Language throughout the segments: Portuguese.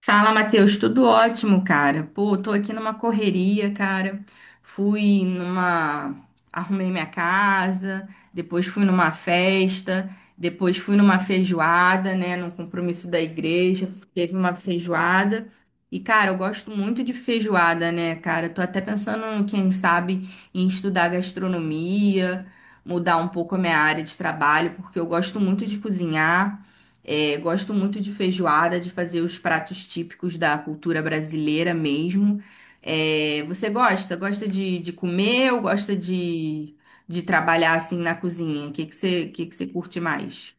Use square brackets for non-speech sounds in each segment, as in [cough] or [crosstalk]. Fala, Matheus, tudo ótimo, cara. Pô, tô aqui numa correria, cara. Fui numa. Arrumei minha casa, depois fui numa festa, depois fui numa feijoada, né? Num compromisso da igreja, teve uma feijoada. E, cara, eu gosto muito de feijoada, né, cara? Tô até pensando, quem sabe, em estudar gastronomia, mudar um pouco a minha área de trabalho, porque eu gosto muito de cozinhar. É, gosto muito de feijoada, de fazer os pratos típicos da cultura brasileira mesmo. É, você gosta? Gosta de comer ou gosta de trabalhar assim na cozinha? O que você, que você curte mais?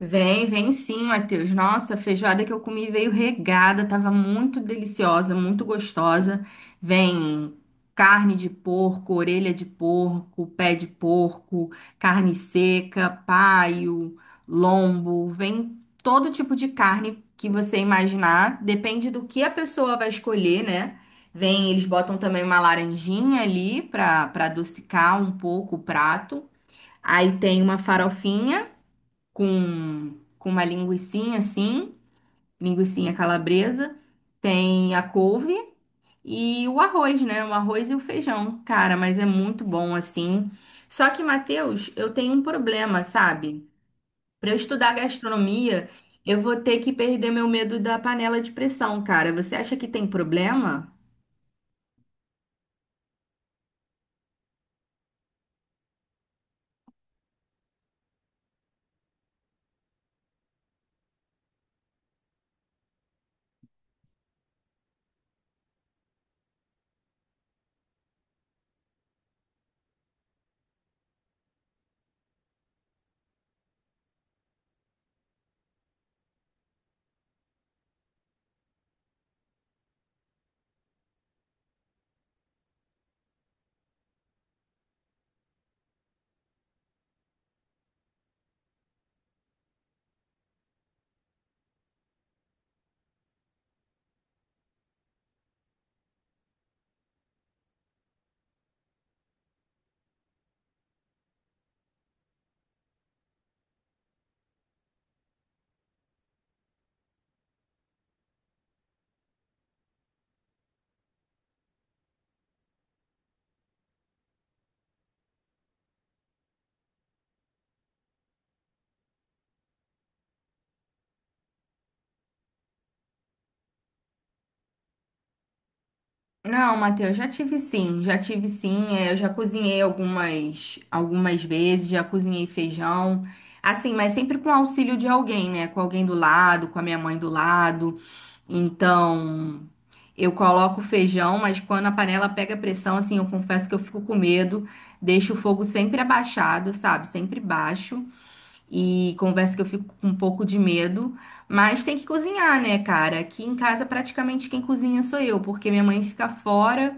Vem, vem sim, Matheus. Nossa, a feijoada que eu comi veio regada, tava muito deliciosa, muito gostosa. Vem carne de porco, orelha de porco, pé de porco, carne seca, paio, lombo, vem todo tipo de carne que você imaginar, depende do que a pessoa vai escolher, né? Vem, eles botam também uma laranjinha ali para adocicar um pouco o prato. Aí tem uma farofinha com uma linguicinha assim, linguicinha calabresa, tem a couve e o arroz, né? O arroz e o feijão. Cara, mas é muito bom assim. Só que, Matheus, eu tenho um problema, sabe? Para eu estudar gastronomia, eu vou ter que perder meu medo da panela de pressão, cara. Você acha que tem problema? Não, Matheus, já tive sim, já tive sim. É, eu já cozinhei algumas vezes, já cozinhei feijão. Assim, mas sempre com auxílio de alguém, né? Com alguém do lado, com a minha mãe do lado. Então, eu coloco o feijão, mas quando a panela pega pressão, assim, eu confesso que eu fico com medo. Deixo o fogo sempre abaixado, sabe? Sempre baixo. E converso que eu fico com um pouco de medo, mas tem que cozinhar, né, cara? Aqui em casa praticamente quem cozinha sou eu, porque minha mãe fica fora,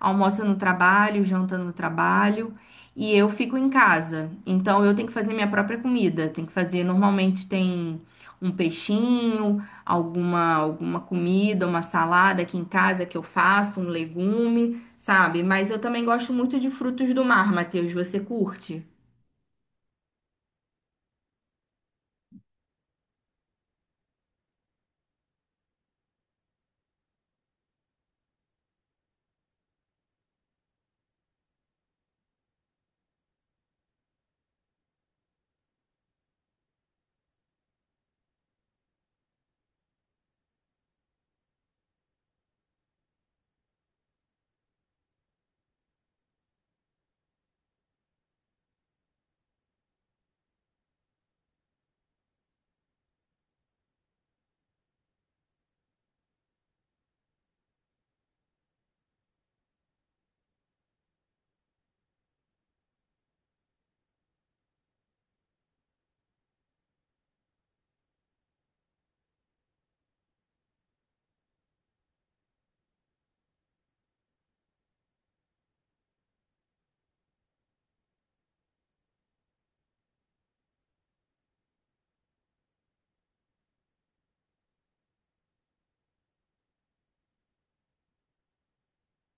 almoça no trabalho, janta no trabalho, e eu fico em casa. Então eu tenho que fazer minha própria comida, tem que fazer, normalmente tem um peixinho, alguma comida, uma salada aqui em casa que eu faço, um legume, sabe? Mas eu também gosto muito de frutos do mar, Matheus, você curte?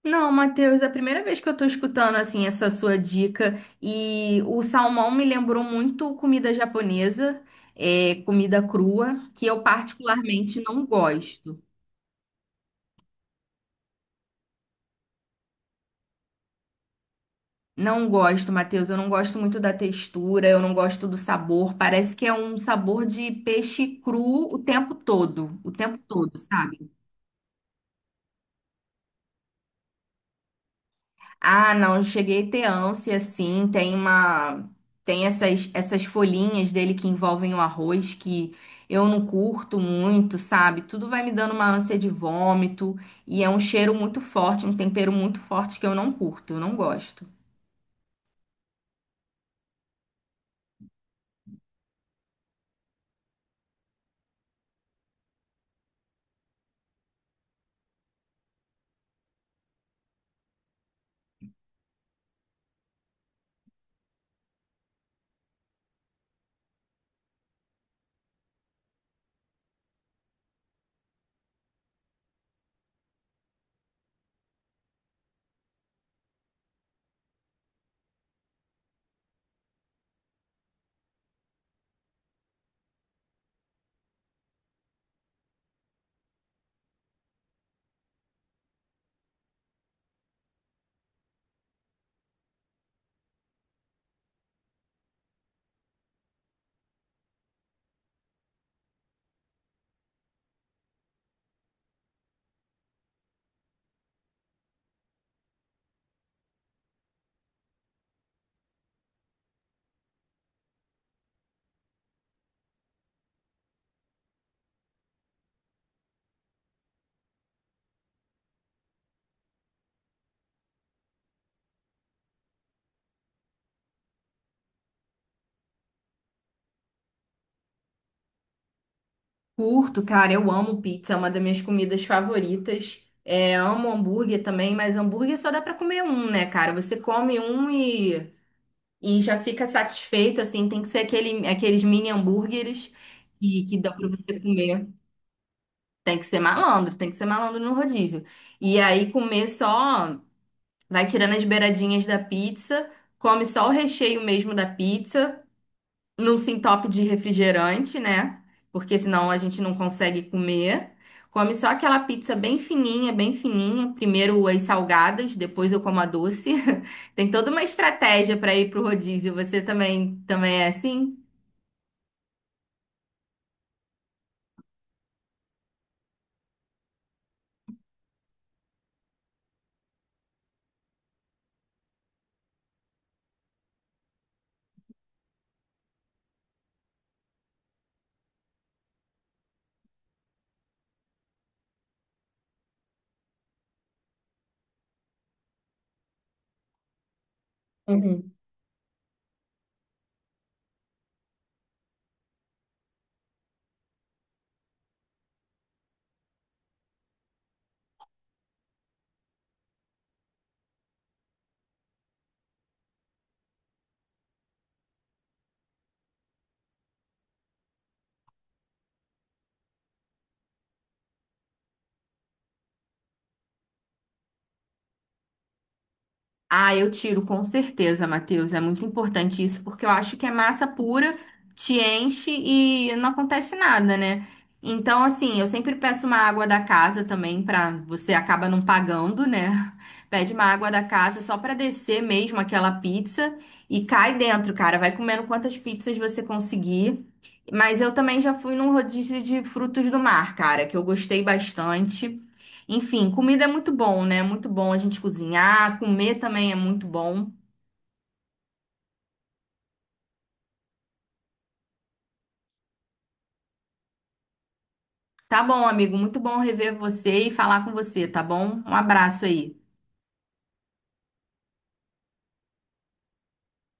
Não, Matheus, é a primeira vez que eu tô escutando assim essa sua dica e o salmão me lembrou muito comida japonesa, é, comida crua, que eu particularmente não gosto. Não gosto, Matheus, eu não gosto muito da textura, eu não gosto do sabor. Parece que é um sabor de peixe cru o tempo todo, sabe? Ah, não, eu cheguei a ter ânsia, sim. Tem uma... Tem essas folhinhas dele que envolvem o arroz que eu não curto muito, sabe? Tudo vai me dando uma ânsia de vômito e é um cheiro muito forte, um tempero muito forte que eu não curto, eu não gosto. Curto, cara, eu amo pizza, é uma das minhas comidas favoritas. É, amo hambúrguer também, mas hambúrguer só dá pra comer um, né, cara? Você come um e já fica satisfeito, assim, tem que ser aquele, aqueles mini hambúrgueres que dá pra você comer. Tem que ser malandro, tem que ser malandro no rodízio. E aí comer só, vai tirando as beiradinhas da pizza, come só o recheio mesmo da pizza num sintope de refrigerante, né? Porque senão a gente não consegue comer. Come só aquela pizza bem fininha, bem fininha. Primeiro as salgadas, depois eu como a doce. [laughs] Tem toda uma estratégia para ir pro rodízio. Você também, também é assim? Ah, eu tiro, com certeza, Matheus. É muito importante isso, porque eu acho que é massa pura, te enche e não acontece nada, né? Então, assim, eu sempre peço uma água da casa também, pra você acaba não pagando, né? [laughs] Pede uma água da casa só pra descer mesmo aquela pizza e cai dentro, cara. Vai comendo quantas pizzas você conseguir. Mas eu também já fui num rodízio de frutos do mar, cara, que eu gostei bastante. Enfim, comida é muito bom, né? Muito bom a gente cozinhar, comer também é muito bom. Tá bom, amigo, muito bom rever você e falar com você, tá bom? Um abraço aí.